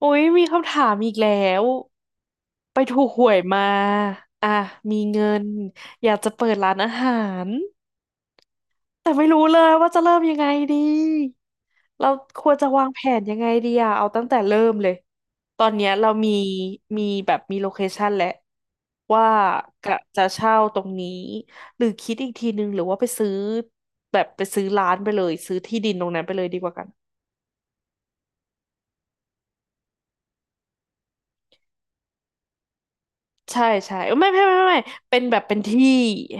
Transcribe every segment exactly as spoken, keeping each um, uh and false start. โอ้ยมีคำถามอีกแล้วไปถูกหวยมาอ่ะมีเงินอยากจะเปิดร้านอาหารแต่ไม่รู้เลยว่าจะเริ่มยังไงดีเราควรจะวางแผนยังไงดีอะเอาตั้งแต่เริ่มเลยตอนเนี้ยเรามีมีแบบมีโลเคชันแล้วว่ากะจะเช่าตรงนี้หรือคิดอีกทีนึงหรือว่าไปซื้อแบบไปซื้อร้านไปเลยซื้อที่ดินตรงนั้นไปเลยดีกว่ากัน ใช่ใช่เอ้ยไม่ไม่ไม่ไม่ไม่เป็นแบบเป็นที่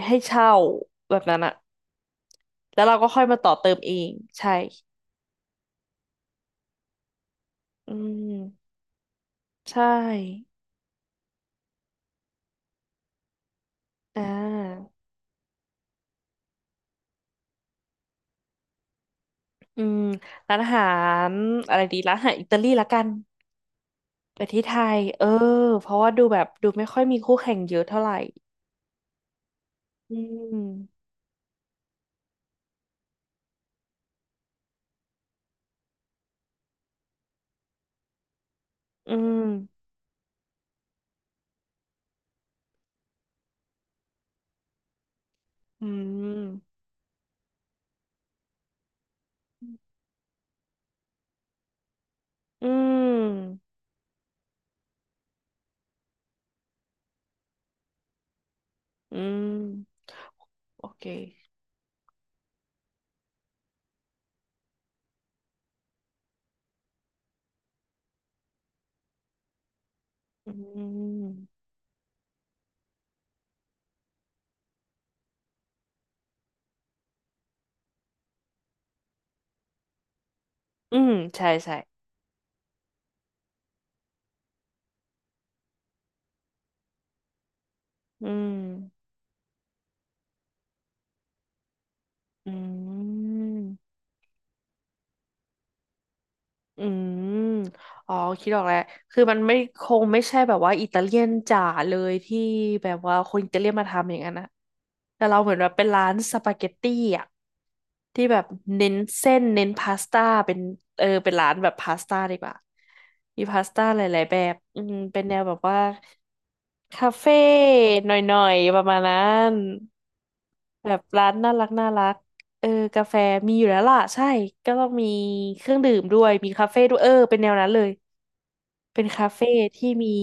ให้เช่าแบบนั้นอะแล้วเราก็ค่อยมาต่อเติมเองใช่อืมใช่อ่าอืมร้านอาหารอะไรดีร้านอาหารอิตาลีละกันไปที่ไทยเออเพราะว่าดูแบบดูไม่ค่อยมีคู่แข่งเยอะเท่าไหร่อืมอืมอืมอืมอืมโอเคอืมอืมใช่ใช่อืมอืม อืมอ๋อคิดออกแล้วคือมันไม่คงไม่ใช่แบบว่าอิตาเลียนจ๋าเลยที่แบบว่าคนอิตาเลียนมาทำอย่างนั้นนะแต่เราเหมือนแบบเป็นร้านสปาเกตตี้อ่ะที่แบบเน้นเส้นเน้นพาสต้าเป็นเออเป็นร้านแบบพาสต้าดีกว่ามีพาสต้าหลายๆแบบอืมเป็นแนวแบบว่าคาเฟ่หน่อยๆประมาณนั้น แบบร้านน่ารักน่ารักเออกาแฟมีอยู่แล้วล่ะใช่ก็ต้องมีเครื่องดื่มด้วยมีคาเฟ่ด้วยเออเป็นแนวนั้นเลยเป็นคาเฟ่ที่มี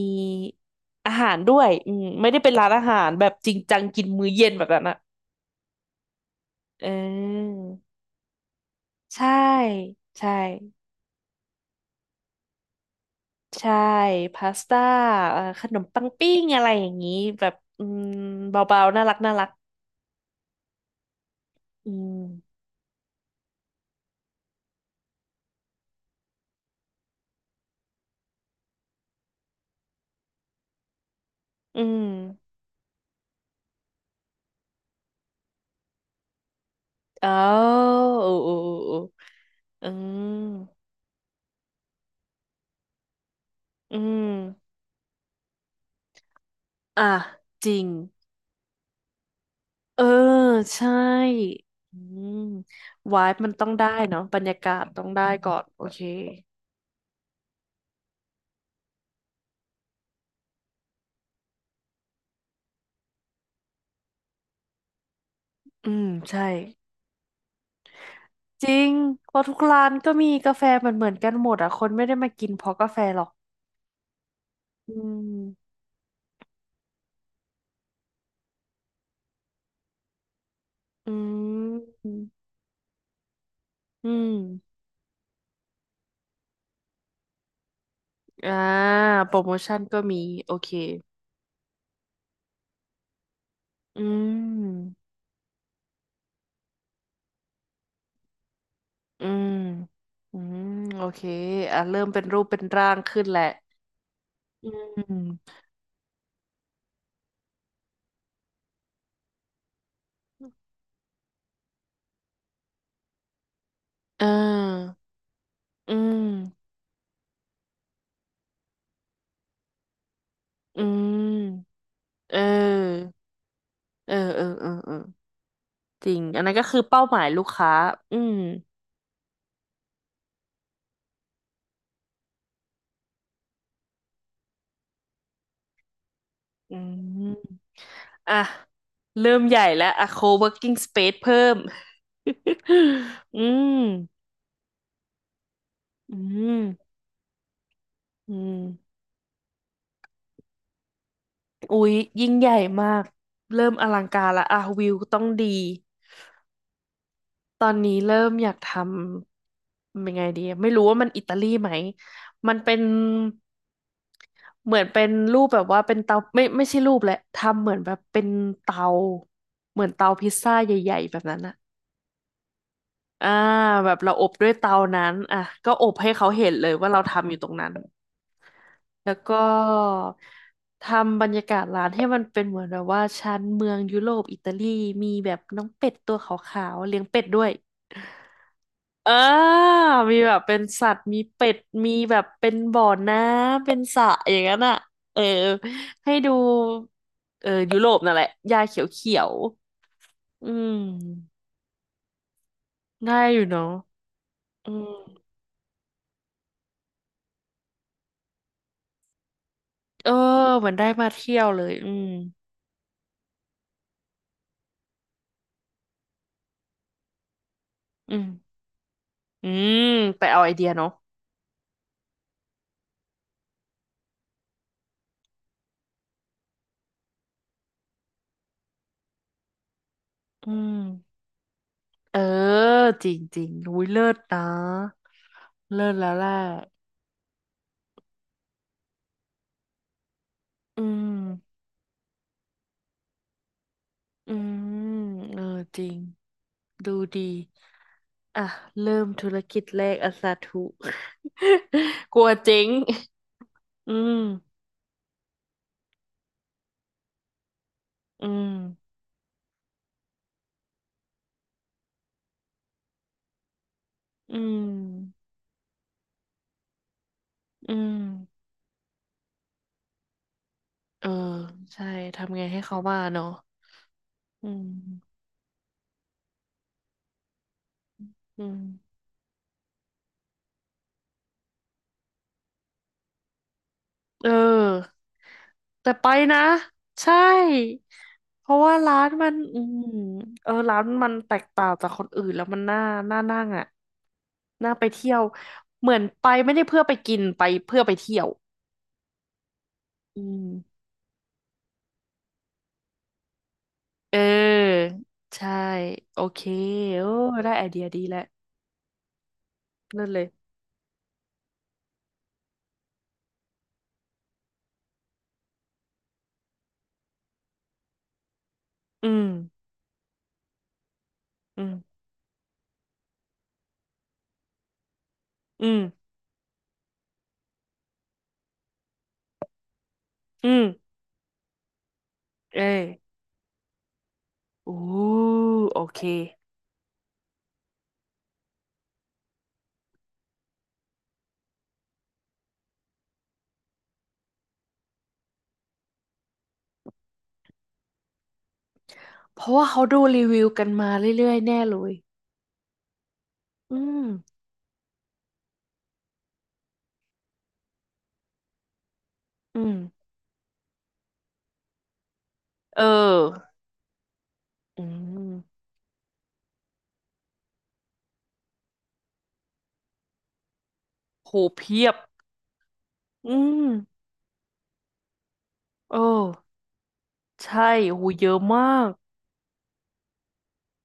อาหารด้วยอืมไม่ได้เป็นร้านอาหารแบบจริงจังกินมื้อเย็นแบบนั้นอ่ะเออใช่ใช่ใช่พาสต้าเอ่อขนมปังปิ้งอะไรอย่างนี้แบบอืมเบาๆน่ารักน่ารักอืมอืมอ๋อโอ้โอ้โอ้โอ้อืมอืม อ่ะจริงเออใช่อืมวายมันต้องได้เนาะบรรยากาศต้องได้ก่อนโอเคอืมใช่จริงเพราะทุกร้านก็มีกาแฟเหมือนเหมือนกันหมดอ่ะคนไม่ได้มากินเพราะกาแฟหรอกอืมอืมอืมอ่าโปรโมชั่นก็มีโอเคอืมอืมอืมโอเคอ่ะเริ่มเป็นรูปเป็นร่างขึ้นแหละอืมเอออืม อืมเออเออ เออ เออ เออ จริง อันนั้นก็คือเป้าหมายลูกค้าอืม อืมอ่ะเริ่มใหญ่แล้วอ่ะ โค เวิร์คกิ้ง สเปซ เพิ่ม อืม อืม อืม อุ๊ยยิ่งใหญ่มาก เริ่มอลังการละอ่ะวิวต้องดี ตอนนี้เริ่มอยากทำยังไงดีไม่รู้ว่ามันอิตาลีไหมมันเป็นเหมือนเป็นรูปแบบว่าเป็นเตาไม่ไม่ใช่รูปแหละทำเหมือนแบบเป็นเตาเหมือนเตาพิซซ่าใหญ่ๆแบบนั้นอะอ่าแบบเราอบด้วยเตานั้นอ่ะก็อบให้เขาเห็นเลยว่าเราทำอยู่ตรงนั้นแล้วก็ทำบรรยากาศร้านให้มันเป็นเหมือนแบบว่าชั้นเมืองยุโรปอิตาลีมีแบบน้องเป็ดตัวขาวๆเลี้ยงเป็ดด้วย เออมีแบบเป็นสัตว์มีเป็ดมีแบบเป็นบ่อน้ำเป็นสระอย่างนั้นอ่ะเออให้ดูเออยุโรปนั่นแหละหญ้าเขียวๆอืมได้อยู่เนาะอืมเออเหมือนได้มาเที่ยวเลยอืมอืมอืมไปเอาไอเดียเนาะอืมเออจริงๆอุ้ยเลิศนะเลิศแล้วแหละอืมอืมเออจริง ดูดีอ่ะเริ่มธุรกิจแรกอะสาธุ กลัวเจ๊งอืมอืมอืมอืมเออใช่ทำไงให้เขามาเนาะอืมอืมเออแต่ไปนะใช่เพราะว่าร้านมันอืมเออร้านมันแตกต่างจากคนอื่นแล้วมันน่าน่านั่งอ่ะน่าไปเที่ยวเหมือนไปไม่ได้เพื่อไปกินไปเพื่อไปเที่ยวอืม เออใช่โอเคโอ้ได้ไอเดียดีแล้วเลิศเลยอืมอืมอืมอืมเอ้ยโอ้โอเคเพราะว่าเขาดูรีวิวกันมาเรื่อยๆแน่เลยอืมอืมเอออืมโหเพียบอืมเออใช่โหเยอะมาก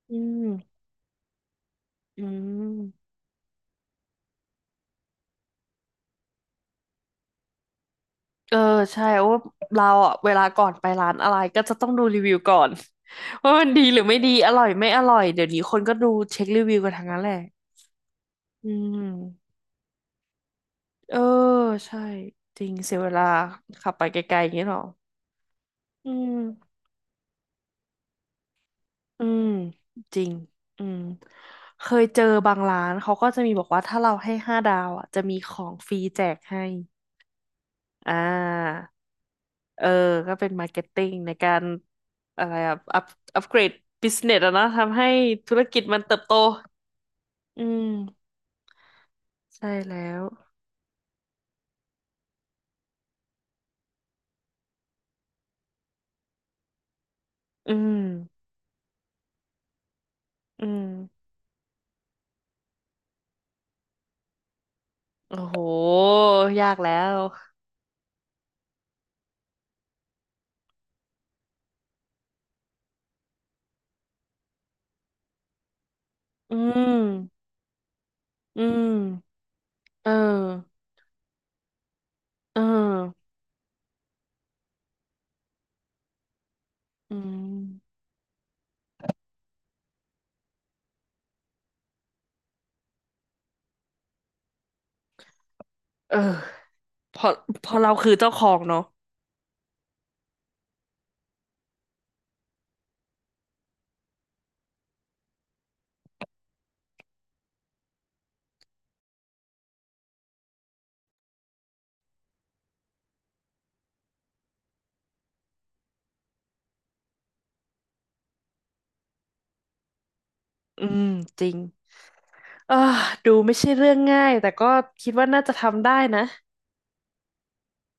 อืมอืม เออใช่ว่าเราอ่ะเวลาก่อนไปร้านอะไรก็จะต้องดูรีวิวก่อน ว่ามันดีหรือไม่ดีอร่อยไม่อร่อยเดี๋ยวนี้คนก็ดูเช็ครีวิวกันทั้งนั้นแหละอืมเออใช่จริงเสียเวลาขับไปไกลๆอย่างนี้หรออืมอืมจริงอืมเคยเจอบางร้านเขาก็จะมีบอกว่าถ้าเราให้ห้าดาวอ่ะจะมีของฟรีแจกให้อ่า เออก็เป็นมาร์เก็ตติ้งในการอะไรอะอัพอัพเกรดบิสเนสอะนะทำให้ธุรกิจมันเติบโตอืมใช่แล้วอืมอืมโอ้โหยากแล้วอืมอืมเออเอออืมเออพอพอเราคือเจ้าของเนาะอืมจริงเออดูไม่ใช่เรื่องง่ายแต่ก็คิดว่าน่าจะทำได้นะ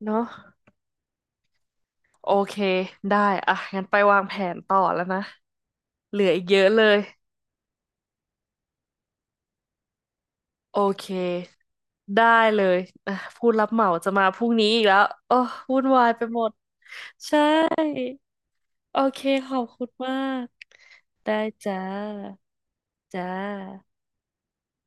เนาะโอเคได้อ่ะงั้นไปวางแผนต่อแล้วนะ เหลืออีกเยอะเลยโอเคได้เลยอ่ะผู้รับเหมาจะมาพรุ่งนี้อีกแล้วโอ้วุ่นวายไปหมดใช่โอเคขอบคุณมากได้จ้าจ้า